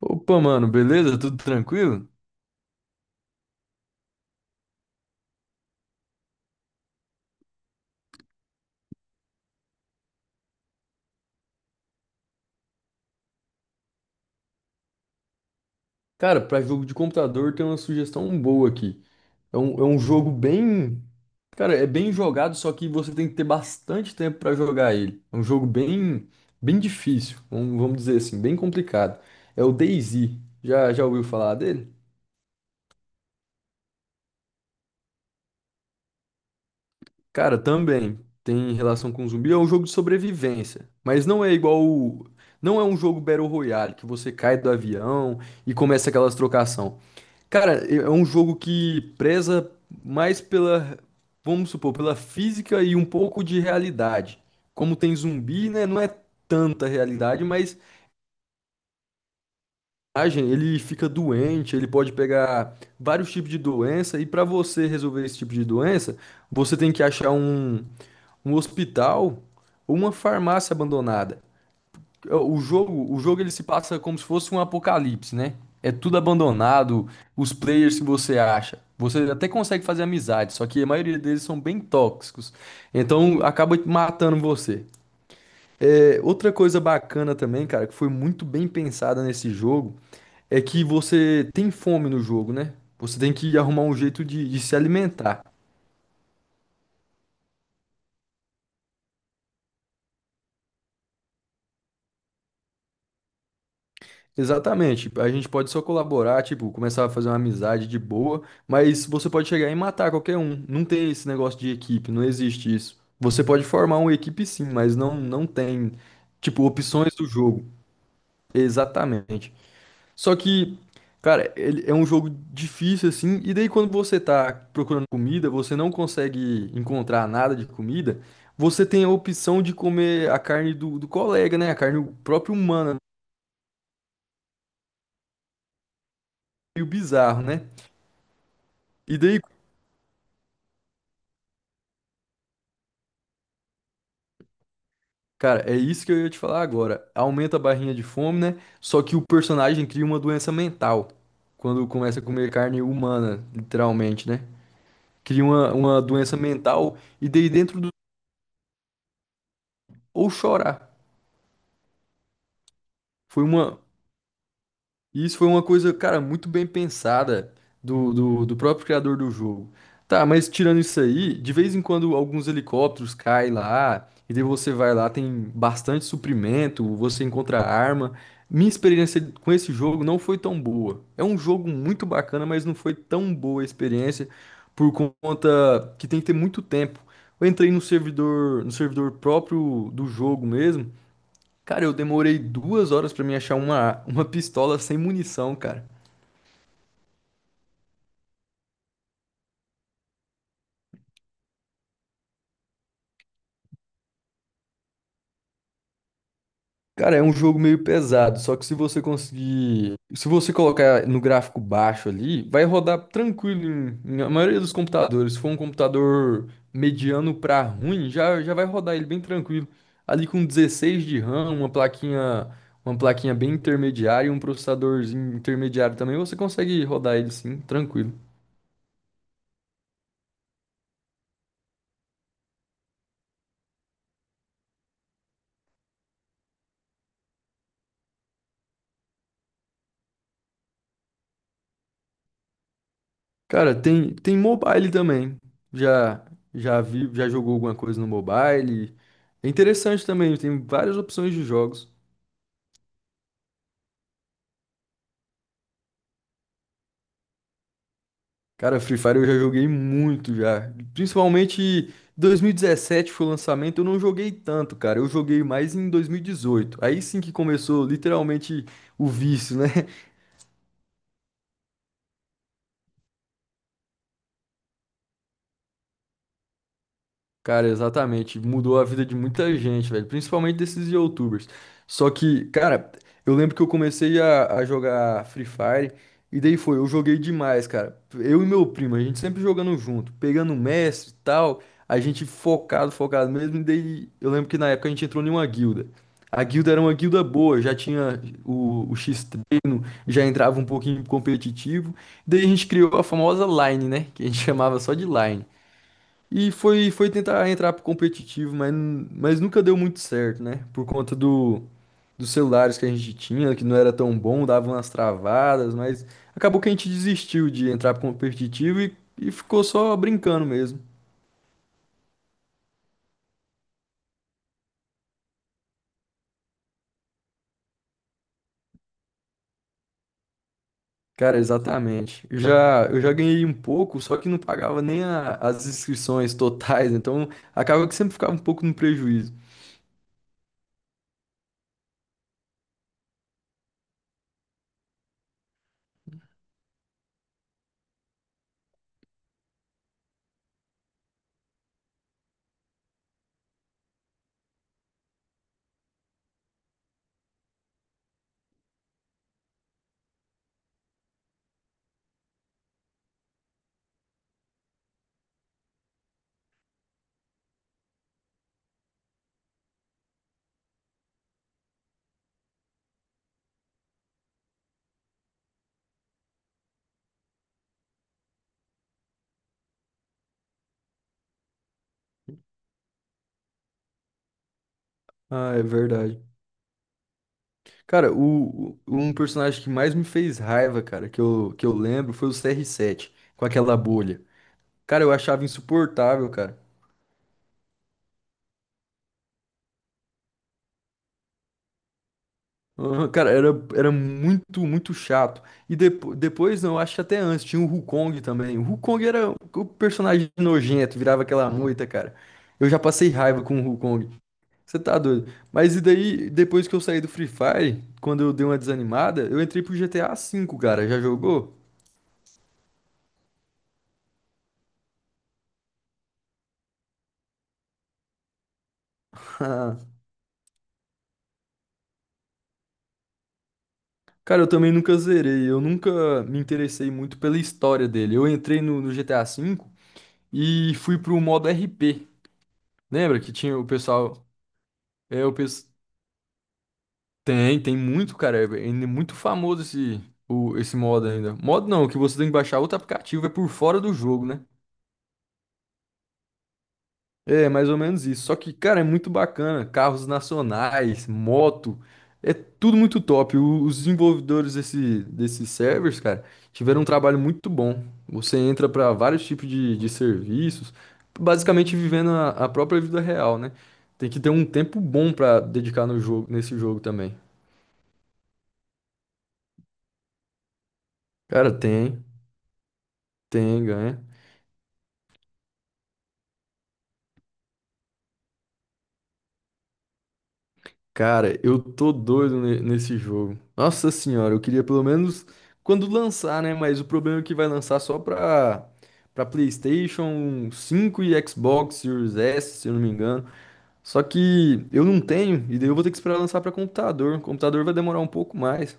Opa, mano, beleza? Tudo tranquilo? Cara, pra jogo de computador tem uma sugestão boa aqui. É um jogo bem. Cara, é bem jogado, só que você tem que ter bastante tempo pra jogar ele. É um jogo bem, bem difícil, vamos dizer assim, bem complicado. É o DayZ. Já ouviu falar dele? Cara, também tem relação com zumbi. É um jogo de sobrevivência, mas não é igual. Não é um jogo Battle Royale que você cai do avião e começa aquelas trocação. Cara, é um jogo que preza mais pela, vamos supor, pela física e um pouco de realidade. Como tem zumbi, né? Não é tanta realidade, mas ah, gente, ele fica doente, ele pode pegar vários tipos de doença, e para você resolver esse tipo de doença, você tem que achar um hospital ou uma farmácia abandonada. É, o jogo ele se passa como se fosse um apocalipse, né? É tudo abandonado, os players que você acha. Você até consegue fazer amizade, só que a maioria deles são bem tóxicos. Então acaba matando você. É, outra coisa bacana também, cara, que foi muito bem pensada nesse jogo, é que você tem fome no jogo, né? Você tem que arrumar um jeito de se alimentar. Exatamente. A gente pode só colaborar, tipo, começar a fazer uma amizade de boa, mas você pode chegar e matar qualquer um. Não tem esse negócio de equipe, não existe isso. Você pode formar uma equipe sim, mas não tem, tipo, opções do jogo. Exatamente. Só que, cara, ele é um jogo difícil assim, e daí quando você tá procurando comida, você não consegue encontrar nada de comida, você tem a opção de comer a carne do colega, né? A carne própria humana, meio bizarro, né? E daí, cara, é isso que eu ia te falar agora. Aumenta a barrinha de fome, né? Só que o personagem cria uma doença mental quando começa a comer carne humana, literalmente, né? Cria uma doença mental e daí dentro do... ou chorar. Foi uma, E isso foi uma coisa, cara, muito bem pensada do próprio criador do jogo. Tá, mas tirando isso aí, de vez em quando alguns helicópteros caem lá, e daí você vai lá, tem bastante suprimento, você encontra arma. Minha experiência com esse jogo não foi tão boa. É um jogo muito bacana, mas não foi tão boa a experiência por conta que tem que ter muito tempo. Eu entrei no servidor, no servidor próprio do jogo mesmo. Cara, eu demorei 2 horas pra me achar uma pistola sem munição, cara. Cara, é um jogo meio pesado, só que se você conseguir. Se você colocar no gráfico baixo ali, vai rodar tranquilo em a maioria dos computadores. Se for um computador mediano pra ruim, já vai rodar ele bem tranquilo. Ali com 16 de RAM, uma plaquinha bem intermediária e um processadorzinho intermediário também, você consegue rodar ele sim, tranquilo. Cara, tem mobile também. Já já vi, já jogou alguma coisa no mobile. É interessante também, tem várias opções de jogos. Cara, Free Fire eu já joguei muito já. Principalmente 2017 foi o lançamento, eu não joguei tanto, cara. Eu joguei mais em 2018. Aí sim que começou literalmente o vício, né? Cara, exatamente. Mudou a vida de muita gente, velho. Principalmente desses YouTubers. Só que, cara, eu lembro que eu comecei a jogar Free Fire. E daí eu joguei demais, cara. Eu e meu primo, a gente sempre jogando junto, pegando mestre e tal. A gente focado, focado mesmo. E daí eu lembro que na época a gente entrou em uma guilda. A guilda era uma guilda boa, já tinha o X-Treino, já entrava um pouquinho competitivo. Daí a gente criou a famosa Line, né? Que a gente chamava só de Line. E foi tentar entrar pro competitivo, mas nunca deu muito certo, né? Por conta dos celulares que a gente tinha, que não era tão bom, dava umas travadas, mas acabou que a gente desistiu de entrar pro competitivo e ficou só brincando mesmo. Cara, exatamente. Eu já ganhei um pouco, só que não pagava nem as inscrições totais, então acaba que sempre ficava um pouco no prejuízo. Ah, é verdade. Cara, um personagem que mais me fez raiva, cara, que eu lembro foi o CR7, com aquela bolha. Cara, eu achava insuportável, cara. Ah, cara, era muito, muito chato. E depois, não, acho que até antes, tinha o Wukong também. O Wukong era o personagem nojento, virava aquela moita, cara. Eu já passei raiva com o Wukong. Você tá doido. Mas e daí, depois que eu saí do Free Fire, quando eu dei uma desanimada, eu entrei pro GTA V, cara. Já jogou? Cara, eu também nunca zerei, eu nunca me interessei muito pela história dele. Eu entrei no GTA V e fui pro modo RP. Lembra que tinha o pessoal. É, o pes... tem muito, cara. É muito famoso esse modo ainda. Modo não, que você tem que baixar outro aplicativo, é por fora do jogo, né? É, mais ou menos isso. Só que, cara, é muito bacana. Carros nacionais, moto, é tudo muito top. Os desenvolvedores desse, desses servers, cara, tiveram um trabalho muito bom. Você entra para vários tipos de serviços, basicamente vivendo a própria vida real, né? Tem que ter um tempo bom para dedicar no jogo, nesse jogo também. Cara, tem, ganha. Cara, eu tô doido nesse jogo. Nossa senhora, eu queria pelo menos quando lançar, né? Mas o problema é que vai lançar só pra PlayStation 5 e Xbox Series S, se eu não me engano. Só que eu não tenho, e daí eu vou ter que esperar lançar pra computador. O computador vai demorar um pouco mais.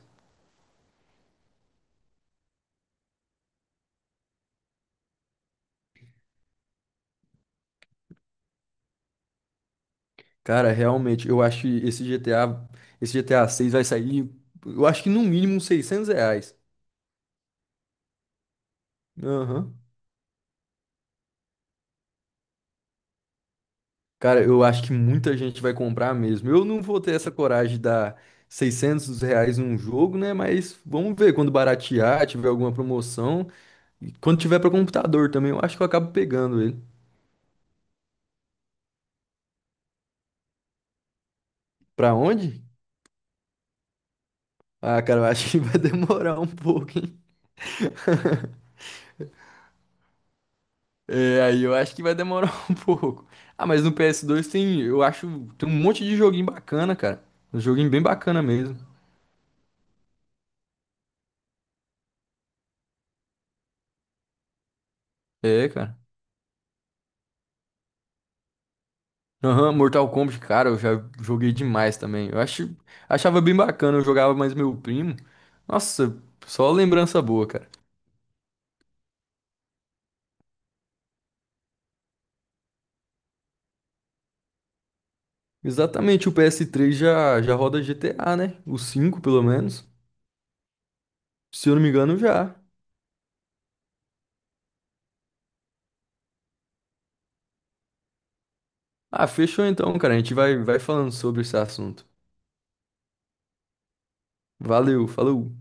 Cara, realmente, eu acho que esse GTA 6 vai sair, eu acho que no mínimo uns R$ 600. Aham. Cara, eu acho que muita gente vai comprar mesmo. Eu não vou ter essa coragem de dar R$ 600 num jogo, né? Mas vamos ver quando baratear, tiver alguma promoção. E quando tiver para computador também, eu acho que eu acabo pegando ele. Pra onde? Ah, cara, eu acho que vai demorar um pouco, hein? É, aí eu acho que vai demorar um pouco. Ah, mas no PS2, tem, eu acho, tem um monte de joguinho bacana, cara. Um joguinho bem bacana mesmo. É, cara. Aham, Mortal Kombat, cara, eu já joguei demais também. Eu acho, achava bem bacana, eu jogava mais meu primo. Nossa, só lembrança boa, cara. Exatamente, o PS3 já roda GTA, né? O 5, pelo menos. Se eu não me engano, já. Ah, fechou então, cara. A gente vai falando sobre esse assunto. Valeu, falou.